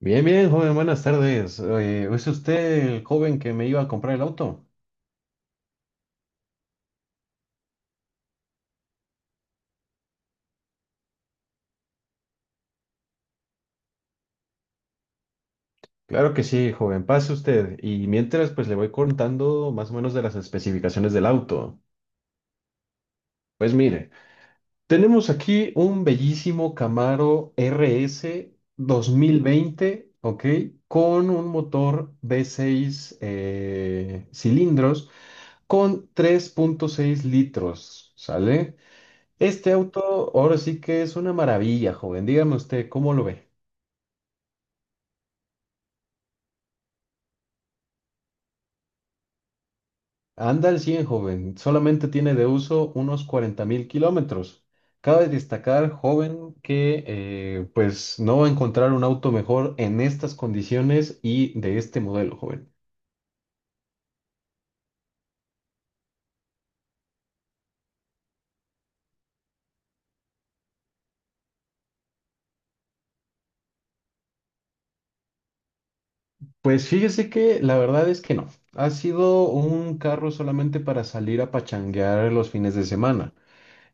Bien, bien, joven, buenas tardes. Oye, ¿es usted el joven que me iba a comprar el auto? Claro que sí, joven, pase usted. Y mientras, pues le voy contando más o menos de las especificaciones del auto. Pues mire, tenemos aquí un bellísimo Camaro RS veinte, ¿ok? Con un motor V6 cilindros con 3.6 litros, ¿sale? Este auto ahora sí que es una maravilla, joven. Dígame usted, ¿cómo lo ve? Anda al 100, joven. Solamente tiene de uso unos 40.000 kilómetros. Cabe destacar, joven, que pues no va a encontrar un auto mejor en estas condiciones y de este modelo, joven. Pues fíjese que la verdad es que no. Ha sido un carro solamente para salir a pachanguear los fines de semana.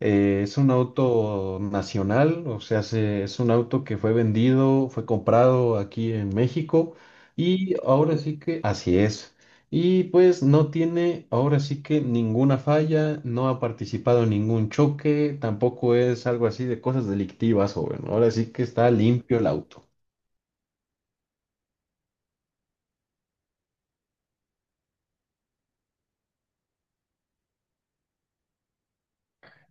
Es un auto nacional, o sea, es un auto que fue vendido, fue comprado aquí en México y ahora sí que así es. Y pues no tiene ahora sí que ninguna falla, no ha participado en ningún choque, tampoco es algo así de cosas delictivas, joven. Ahora sí que está limpio el auto.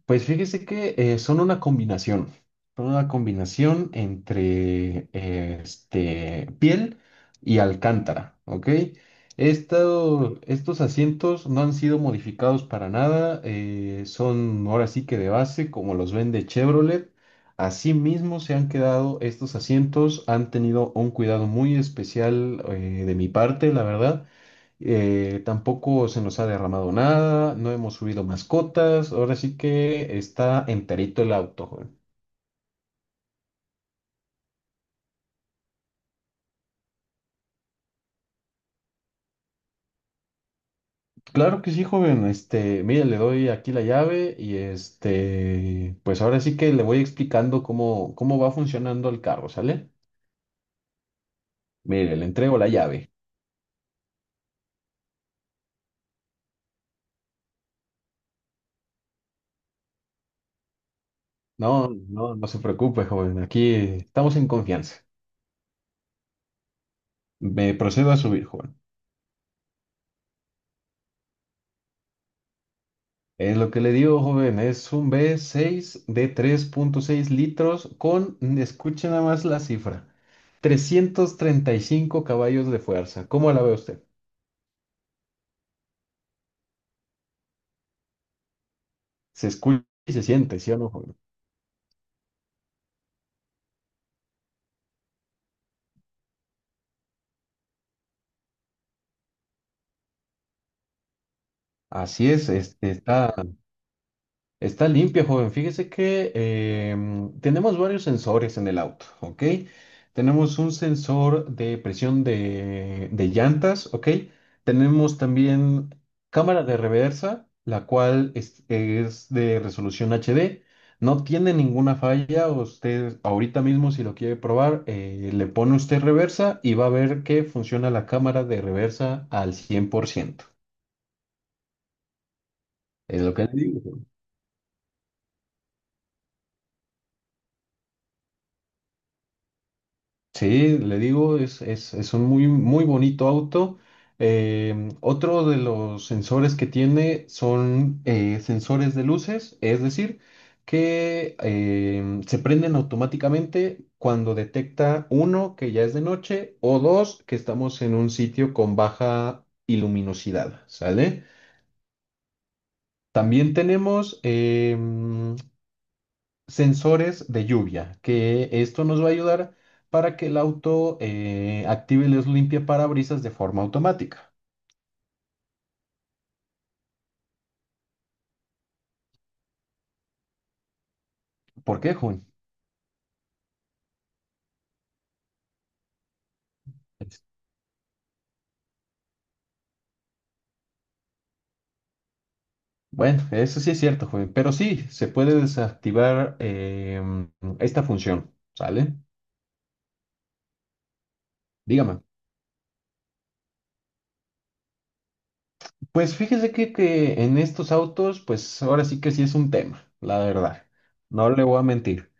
Pues fíjese que son una combinación, entre piel y alcántara, ¿ok? Estos asientos no han sido modificados para nada, son ahora sí que de base, como los vende Chevrolet. Asimismo se han quedado estos asientos, han tenido un cuidado muy especial de mi parte, la verdad. Tampoco se nos ha derramado nada, no hemos subido mascotas, ahora sí que está enterito el auto, joven. Claro que sí, joven, este, mire, le doy aquí la llave y este, pues ahora sí que le voy explicando cómo, va funcionando el carro, ¿sale? Mire, le entrego la llave. No, no, no se preocupe, joven, aquí estamos en confianza. Me procedo a subir, joven. Es lo que le digo, joven, es un V6 de 3.6 litros con, escuchen nada más la cifra, 335 caballos de fuerza. ¿Cómo la ve usted? Se escucha y se siente, ¿sí o no, joven? Así es, este, está. Está limpia, joven. Fíjese que tenemos varios sensores en el auto, ¿ok? Tenemos un sensor de presión de llantas, ¿ok? Tenemos también cámara de reversa, la cual es, de resolución HD. No tiene ninguna falla. Usted ahorita mismo, si lo quiere probar, le pone usted reversa y va a ver que funciona la cámara de reversa al 100%. Es lo que le digo. Sí, le digo, es un muy, muy bonito auto. Otro de los sensores que tiene son sensores de luces, es decir, que se prenden automáticamente cuando detecta uno que ya es de noche o dos que estamos en un sitio con baja iluminosidad, ¿sale? También tenemos sensores de lluvia, que esto nos va a ayudar para que el auto active los limpiaparabrisas de forma automática. ¿Por qué, Jun? Bueno, eso sí es cierto, Jun, pero sí, se puede desactivar esta función, ¿sale? Dígame. Pues fíjese que en estos autos, pues ahora sí que sí es un tema, la verdad. No le voy a mentir.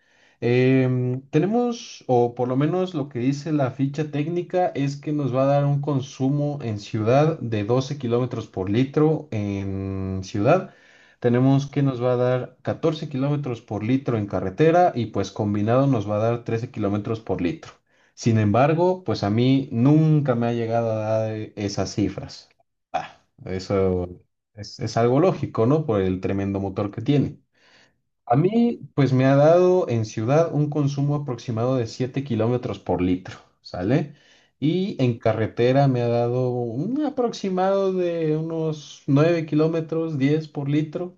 Tenemos, o por lo menos lo que dice la ficha técnica, es que nos va a dar un consumo en ciudad de 12 kilómetros por litro en ciudad. Tenemos que nos va a dar 14 kilómetros por litro en carretera y pues combinado nos va a dar 13 kilómetros por litro. Sin embargo, pues a mí nunca me ha llegado a dar esas cifras. Ah. Eso es algo lógico, ¿no? Por el tremendo motor que tiene. A mí, pues me ha dado en ciudad un consumo aproximado de 7 kilómetros por litro, ¿sale? Y en carretera me ha dado un aproximado de unos 9 kilómetros, 10 por litro.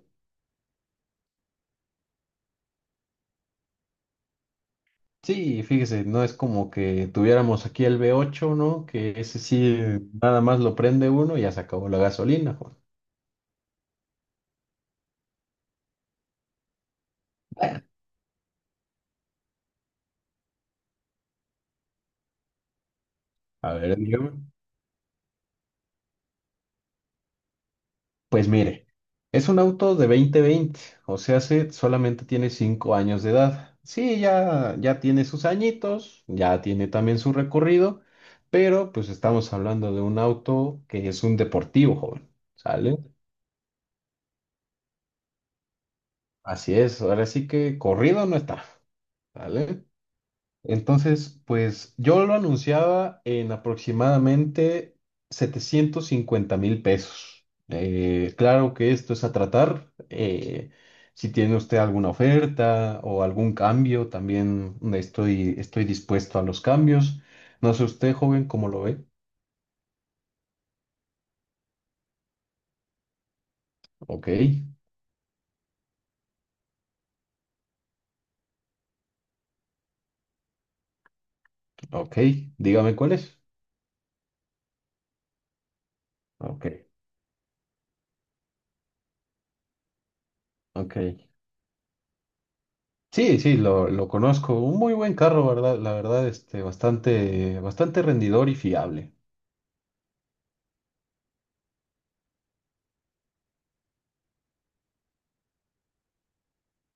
Sí, fíjese, no es como que tuviéramos aquí el V8, ¿no? Que ese sí, nada más lo prende uno y ya se acabó la gasolina. Joder. A ver, dígame. Pues mire, es un auto de 2020, o sea, se solamente tiene 5 años de edad. Sí, ya tiene sus añitos, ya tiene también su recorrido, pero pues estamos hablando de un auto que es un deportivo, joven, ¿sale? Así es, ahora sí que corrido no está, ¿sale? Entonces, pues yo lo anunciaba en aproximadamente 750.000 pesos. Claro que esto es a tratar. Si tiene usted alguna oferta o algún cambio, también estoy, dispuesto a los cambios. No sé usted, joven, cómo lo ve. Ok, ok. Dígame cuál es. Ok, ok. Sí, sí, lo, conozco. Un muy buen carro, ¿verdad? La verdad, este, bastante, bastante rendidor y fiable.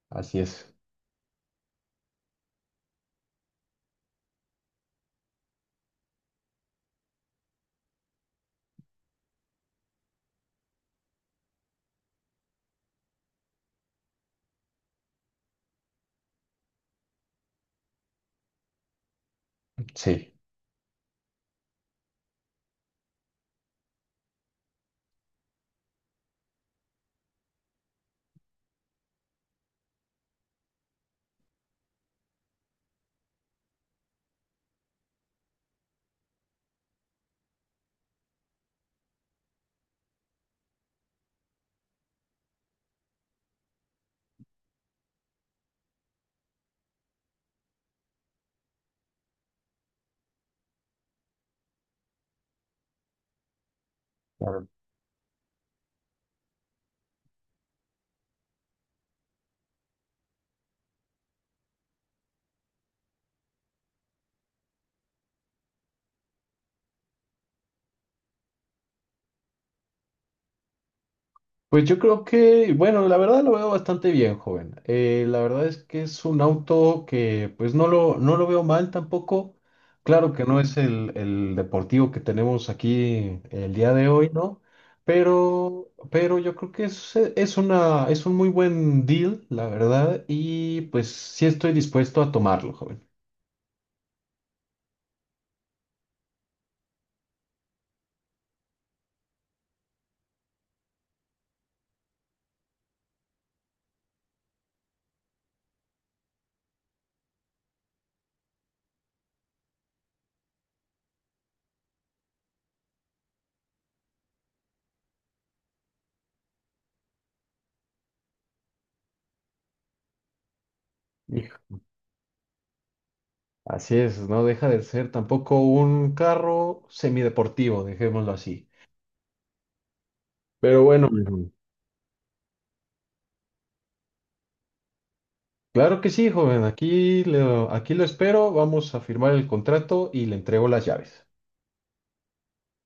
Así es. Sí, claro. Pues yo creo que, bueno, la verdad lo veo bastante bien, joven. La verdad es que es un auto que pues no lo, veo mal tampoco. Claro que no es el, deportivo que tenemos aquí el día de hoy, ¿no? Pero yo creo que es, un muy buen deal, la verdad, y pues sí estoy dispuesto a tomarlo, joven. Hijo. Así es, no deja de ser tampoco un carro semideportivo, dejémoslo así. Pero bueno. Claro que sí, joven. Aquí lo, espero. Vamos a firmar el contrato y le entrego las llaves.